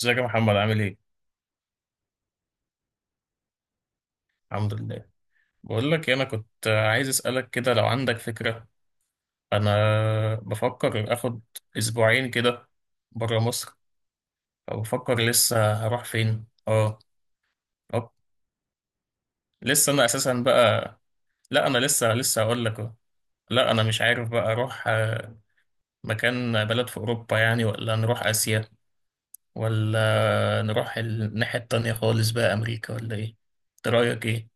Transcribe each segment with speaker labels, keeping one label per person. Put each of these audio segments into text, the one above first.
Speaker 1: ازيك يا محمد، عامل ايه؟ الحمد لله. بقول لك إيه، انا كنت عايز اسالك كده لو عندك فكره. انا بفكر اخد اسبوعين كده بره مصر، فبفكر لسه هروح فين اه. أه. لسه انا اساسا بقى. لا انا لسه هقول لك أهو. لا انا مش عارف بقى اروح مكان بلد في اوروبا يعني، ولا نروح اسيا، ولا نروح الناحيه التانية خالص بقى امريكا ولا ايه؟ إنت رايك ايه؟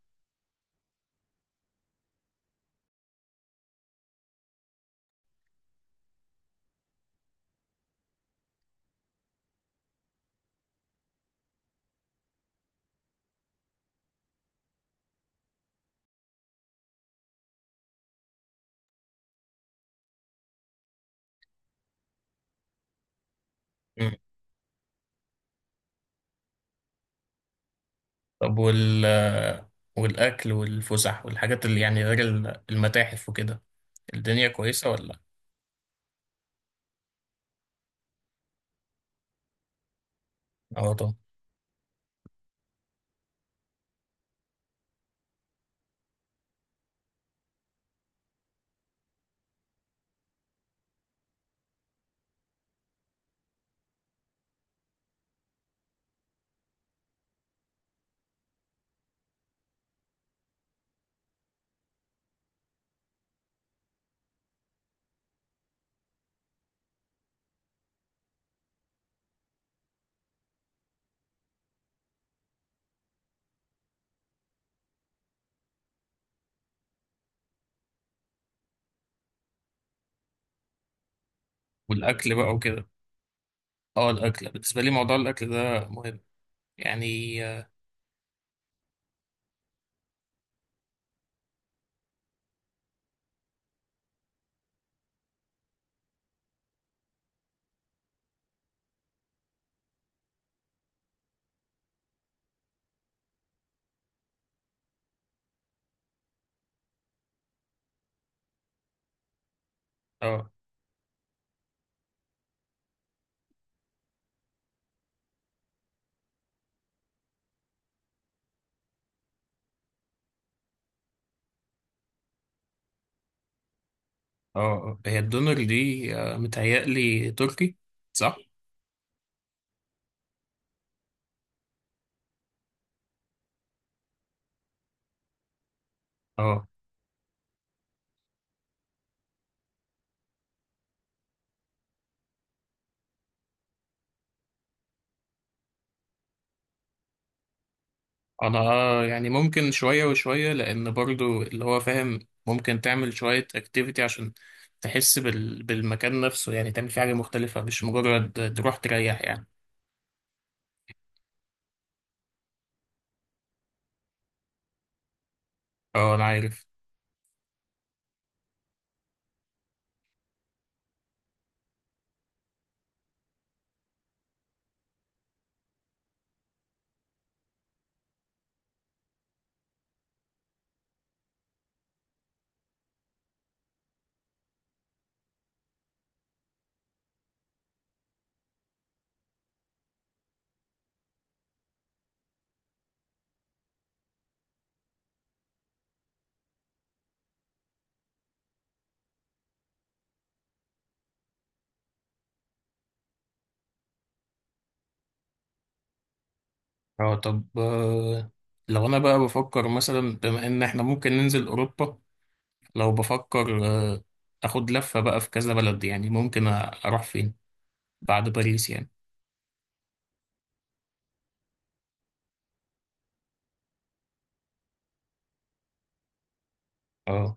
Speaker 1: طب والأكل والفسح والحاجات اللي يعني غير المتاحف وكده. الدنيا كويسة ولا؟ اه، طبعا. والأكل بقى وكده. اه، الأكل بالنسبة لي، موضوع الأكل ده مهم يعني. اه اه. آه. هي الدونر دي متهيألي تركي، صح؟ اه. أنا يعني ممكن شوية وشوية، لأن برضو اللي هو فاهم ممكن تعمل شوية اكتيفيتي عشان تحس بالمكان نفسه، يعني تعمل فيه حاجة مختلفة، مش مجرد تروح تريح يعني. اه، أنا عارف. اه، طب لو انا بقى بفكر مثلا بما ان احنا ممكن ننزل اوروبا، لو بفكر اخد لفة بقى في كذا بلد، يعني ممكن اروح فين بعد باريس يعني. اه.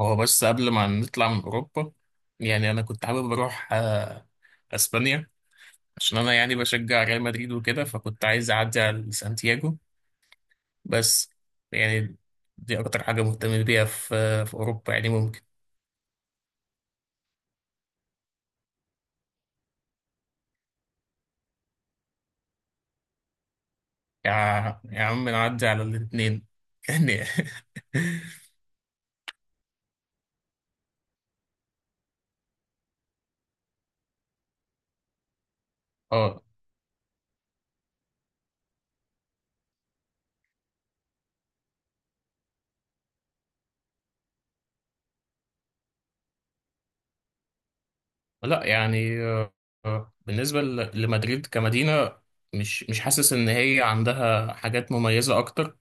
Speaker 1: هو بس قبل ما نطلع من اوروبا، يعني انا كنت حابب اروح اسبانيا، عشان انا يعني بشجع ريال مدريد وكده، فكنت عايز اعدي على سانتياغو بس يعني. دي اكتر حاجة مهتم بيها في اوروبا، يعني ممكن. يا يا عم، نعدي على الاتنين يعني. اه. لا يعني بالنسبة لمدريد كمدينة، مش حاسس ان هي عندها حاجات مميزة اكتر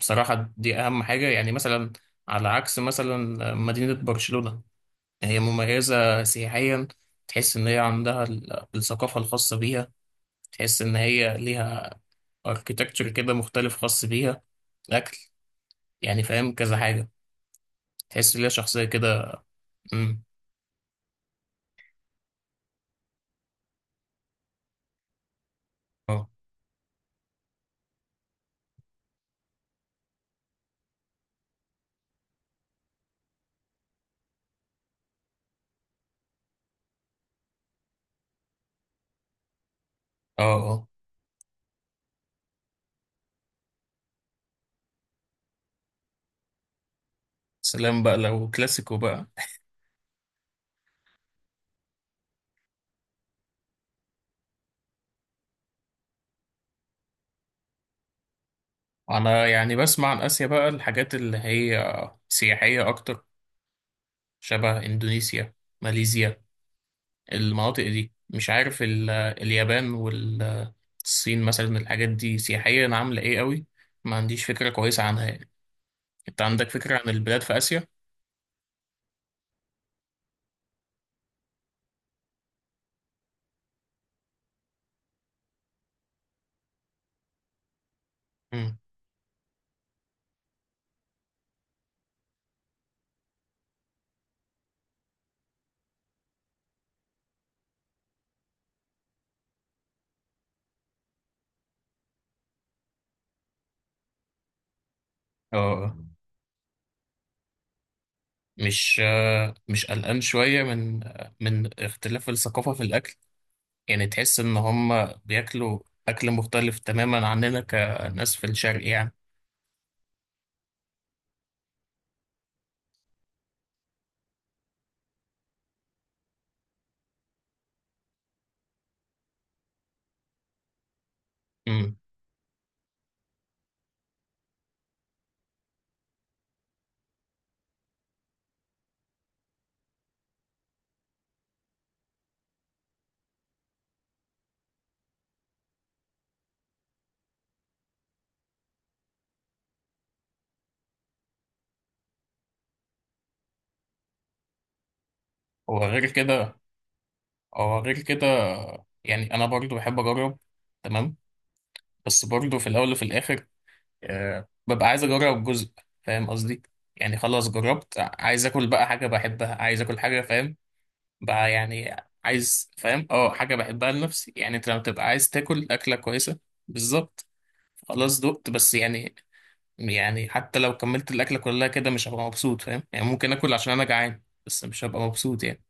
Speaker 1: بصراحة. دي اهم حاجة، يعني مثلا على عكس مثلا مدينة برشلونة. هي مميزة سياحيا، تحس ان هي عندها الثقافة الخاصة بيها، تحس ان هي ليها اركيتكتشر كده مختلف خاص بيها، اكل، يعني فاهم كذا حاجة. تحس ليها شخصية كده. مم. آه. اه، اه. سلام بقى لو كلاسيكو بقى. انا يعني بسمع عن اسيا بقى، الحاجات اللي هي سياحية اكتر، شبه اندونيسيا، ماليزيا، المناطق دي، مش عارف اليابان والصين مثلا، الحاجات دي سياحيا عاملة ايه قوي؟ ما عنديش فكرة كويسة عنها يعني. انت عندك فكرة عن البلاد في اسيا؟ مم. اه. آه. مش مش قلقان شوية من من اختلاف الثقافة في الاكل؟ يعني تحس ان هم بياكلوا اكل مختلف تماما عننا كناس في الشرق يعني. امم وغير كده. هو غير كده، يعني انا برضو بحب اجرب، تمام، بس برضو في الاول وفي الاخر ببقى عايز اجرب جزء، فاهم قصدي؟ يعني خلاص جربت، عايز اكل بقى حاجة بحبها، عايز اكل حاجة، فاهم بقى يعني. عايز، فاهم، حاجة بحبها لنفسي يعني، انت لما تبقى عايز تاكل أكلة كويسة بالظبط. خلاص دقت بس يعني حتى لو كملت الأكلة كلها كده مش هبقى مبسوط، فاهم يعني؟ ممكن آكل عشان أنا جعان، بس مش هبقى مبسوط يعني.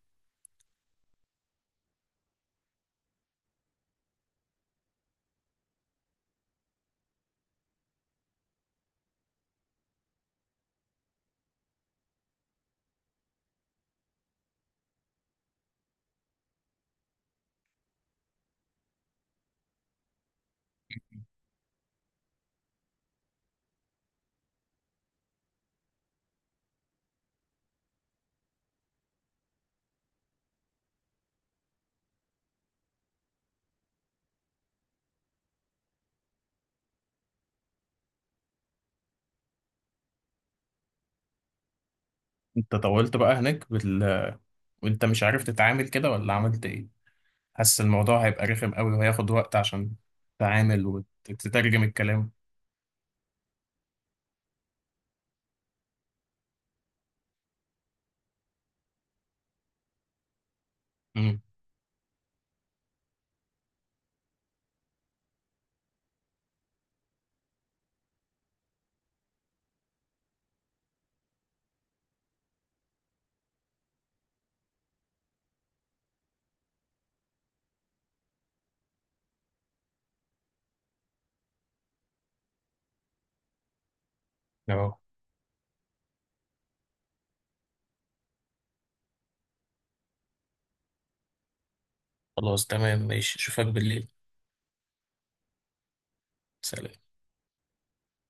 Speaker 1: انت طولت بقى هناك وانت مش عارف تتعامل كده، ولا عملت ايه؟ حاسس الموضوع هيبقى رخم قوي وهياخد وقت عشان تتعامل وتترجم الكلام. امم. اه. خلاص، تمام، ماشي، أشوفك بالليل. سلام.